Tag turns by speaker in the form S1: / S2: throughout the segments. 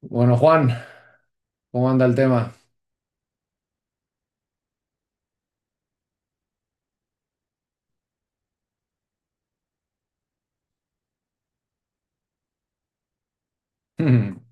S1: Bueno, Juan, ¿cómo anda el tema?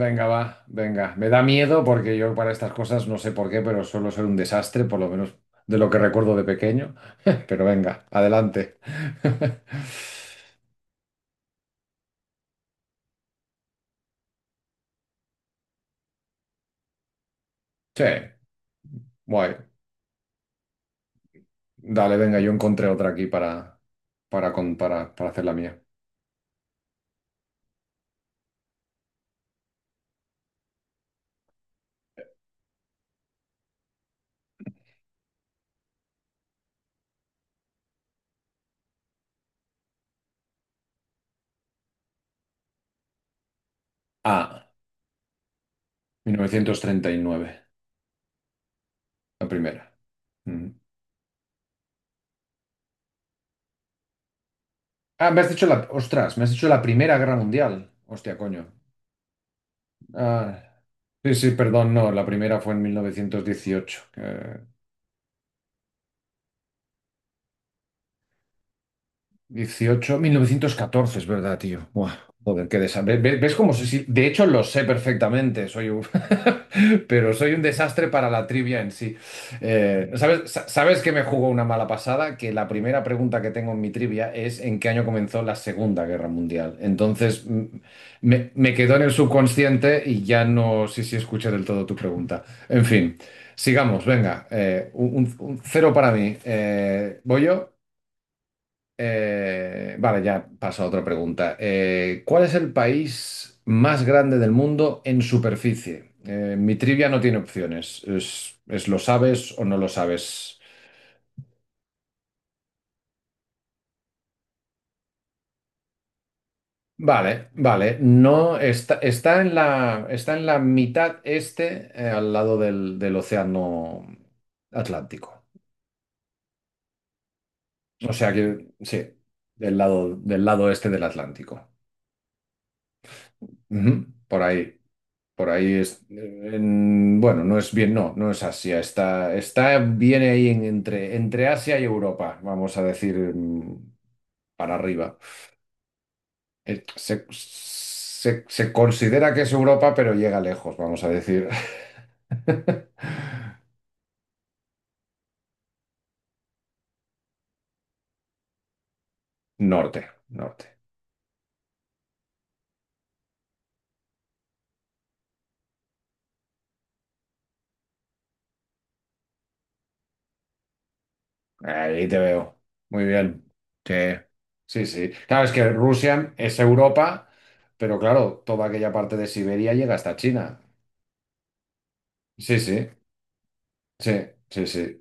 S1: Venga, va, venga. Me da miedo porque yo para estas cosas no sé por qué, pero suelo ser un desastre, por lo menos de lo que recuerdo de pequeño. Pero venga, adelante. Sí, guay. Dale, venga, yo encontré otra aquí para, para hacer la mía. Ah, 1939, la primera. Mm. Ah, me has dicho la... Ostras, me has dicho la Primera Guerra Mundial. Hostia, coño. Ah. Sí, sí, perdón, no, la primera fue en 1918, que, 18, 1914, es verdad, tío. Buah, joder, qué desastre. ¿Ves cómo sé? De hecho, lo sé perfectamente, soy un... pero soy un desastre para la trivia en sí. ¿Sabes, sabes que me jugó una mala pasada? Que la primera pregunta que tengo en mi trivia es ¿en qué año comenzó la Segunda Guerra Mundial? Entonces, me quedó en el subconsciente y ya no sé si escuché del todo tu pregunta. En fin, sigamos, venga. Un cero para mí. ¿Voy yo? Vale, ya paso a otra pregunta. ¿Cuál es el país más grande del mundo en superficie? Mi trivia no tiene opciones. Es lo sabes o no lo sabes. Vale, vale. No está, está en la mitad este, al lado del océano Atlántico. O sea que sí, del lado este del Atlántico. Ujú, por ahí. Por ahí es, bueno, no es bien, no, no es Asia, está, está, viene ahí entre, entre Asia y Europa, vamos a decir, mm, para arriba. Se considera que es Europa, pero llega lejos, vamos a decir. Norte, norte. Ahí te veo. Muy bien. Sí, sí, sí. Claro, es que Rusia es Europa, pero claro, toda aquella parte de Siberia llega hasta China. Sí, sí, sí, sí, sí.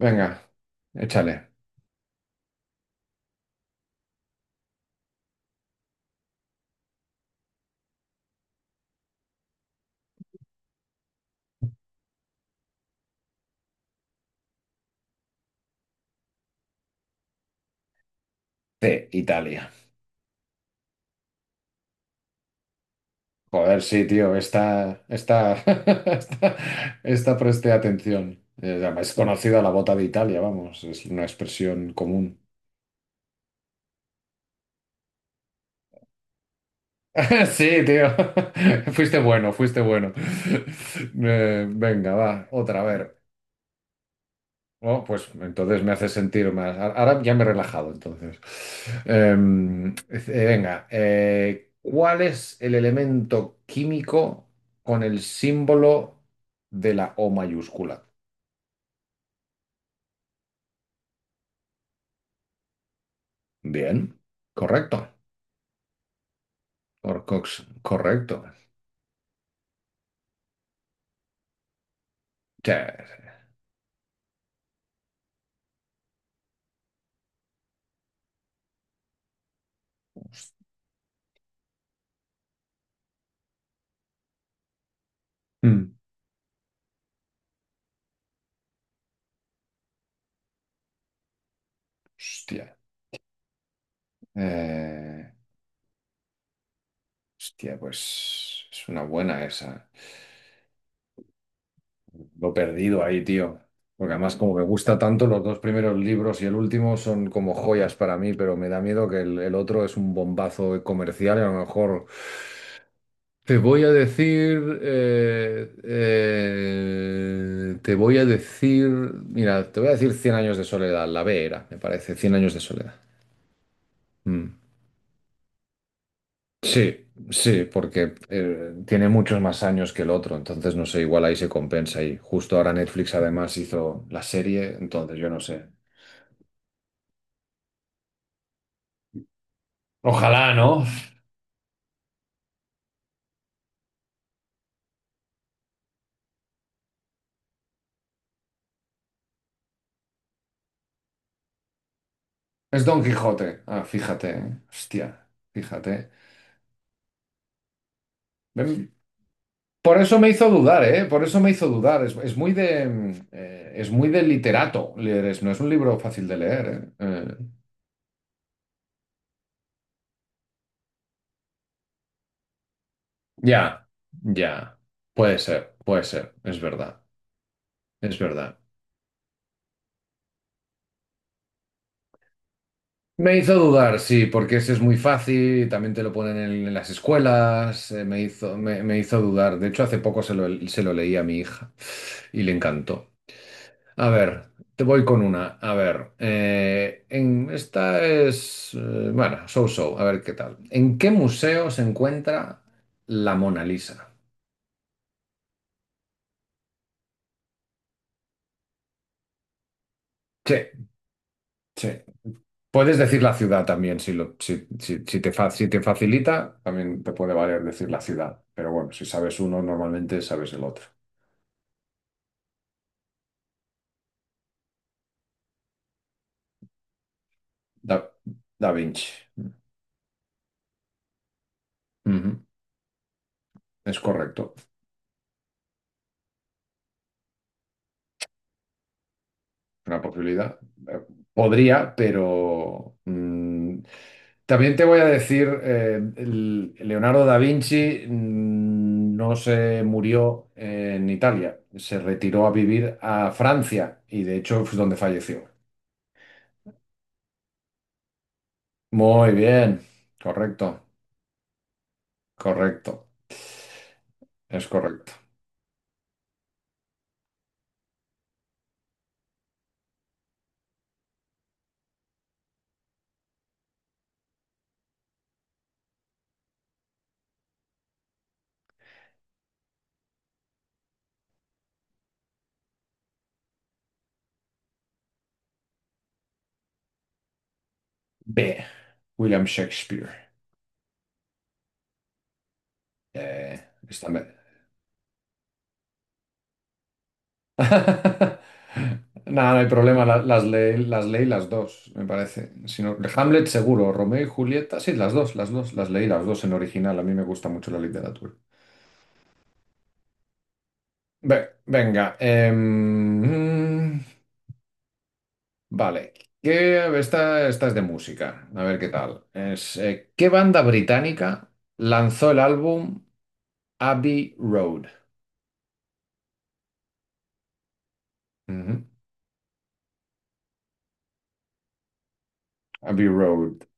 S1: Venga, échale. Sí, Italia. Joder, sí, tío, esta, esta, esta presté atención. Es conocida la bota de Italia, vamos, es una expresión común. Sí, tío, fuiste bueno, fuiste bueno. Venga, va, otra, a ver. Oh, pues entonces me hace sentir más. A- Ahora ya me he relajado, entonces. Venga, ¿cuál es el elemento químico con el símbolo de la O mayúscula? Bien, correcto. Orcox, correcto. Yes. Mm. Hostia. Eh, hostia, pues es una buena esa. Lo he perdido ahí, tío. Porque además, como me gusta tanto, los dos primeros libros y el último son como joyas para mí, pero me da miedo que el otro es un bombazo comercial y a lo mejor. Te voy a decir. Te voy a decir. Mira, te voy a decir cien años de soledad. La B era, me parece. Cien años de soledad. Mm. Sí, sí, porque tiene muchos más años que el otro, entonces no sé, igual ahí se compensa y justo ahora Netflix además hizo la serie, entonces yo no sé. Ojalá, ¿no? Es Don Quijote. Ah, fíjate, ¿eh? Hostia, fíjate. Ven, Por eso me hizo dudar, ¿eh? Por eso me hizo dudar. Es muy de, es muy de literato leer eso. No es un libro fácil de leer, ¿eh? Ya, ya. Puede ser, puede ser. Es verdad, es verdad. Me hizo dudar, sí, porque ese es muy fácil, también te lo ponen en las escuelas, me hizo dudar. De hecho, hace poco se lo leí a mi hija y le encantó. A ver, te voy con una. A ver, esta es, bueno, so-so, a ver qué tal. ¿En qué museo se encuentra la Mona Lisa? Sí, sí. Puedes decir la ciudad también, si te si te facilita, también te puede valer decir la ciudad. Pero bueno, si sabes uno, normalmente sabes el otro. Da, Da Vinci. Ujú, Es correcto, una posibilidad. Eh, Podría, pero también te voy a decir, Leonardo da Vinci, mm, no se murió en Italia, se retiró a vivir a Francia y de hecho es donde falleció. Muy bien, correcto, correcto, es correcto. B. William Shakespeare. Eh, esta, me- Nada, no hay problema, las leí las dos, me parece. Si no- Hamlet seguro, Romeo y Julieta, sí, las dos, las dos, las leí las dos en original, a mí me gusta mucho la literatura. Venga, vale, ¿Qué, esta es de música, a ver qué tal. ¿Qué banda británica lanzó el álbum Abbey Road? Ujú, Abbey Road.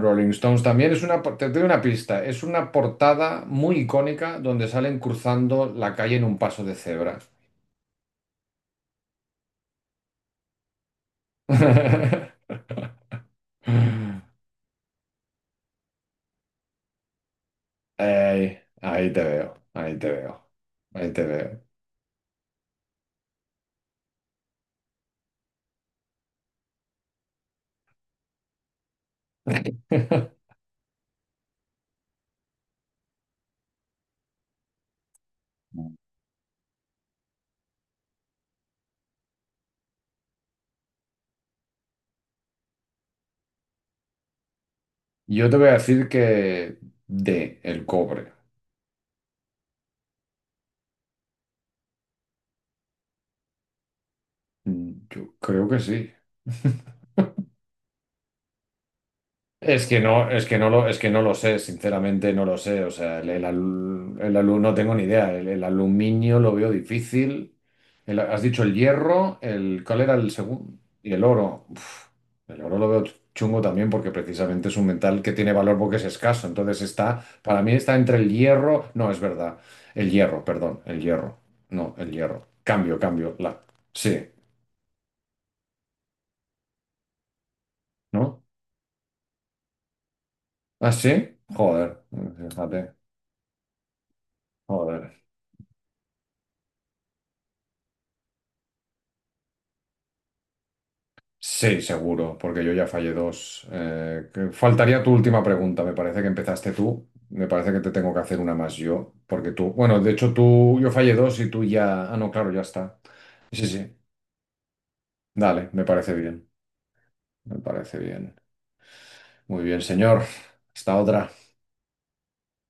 S1: Rolling Stones también es una, te doy una pista, es una portada muy icónica donde salen cruzando la calle en un paso de cebra. Ey, ahí te veo, ahí te veo, ahí te veo. Yo te voy a decir que de el cobre. Mm, yo creo que sí. Es que no lo sé, sinceramente no lo sé. O sea, no tengo ni idea. El aluminio lo veo difícil. El- has dicho el hierro, el, ¿cuál era el segundo? Y el oro. Uf, el oro lo veo chungo también porque precisamente es un metal que tiene valor porque es escaso. Entonces está, para mí está entre el hierro, no, es verdad. El hierro, perdón, el hierro. No, el hierro. Cambio, cambio. La, sí, ¿no? ¿Ah, sí? Joder, fíjate. Joder. Sí, seguro, porque yo ya fallé dos. Faltaría tu última pregunta, me parece que empezaste tú. Me parece que te tengo que hacer una más yo, porque tú, bueno, de hecho tú, yo fallé dos y tú ya... Ah, no, claro, ya está. Sí, sí, sí. dale, me parece bien, me parece bien. Muy bien, señor. Hasta otra.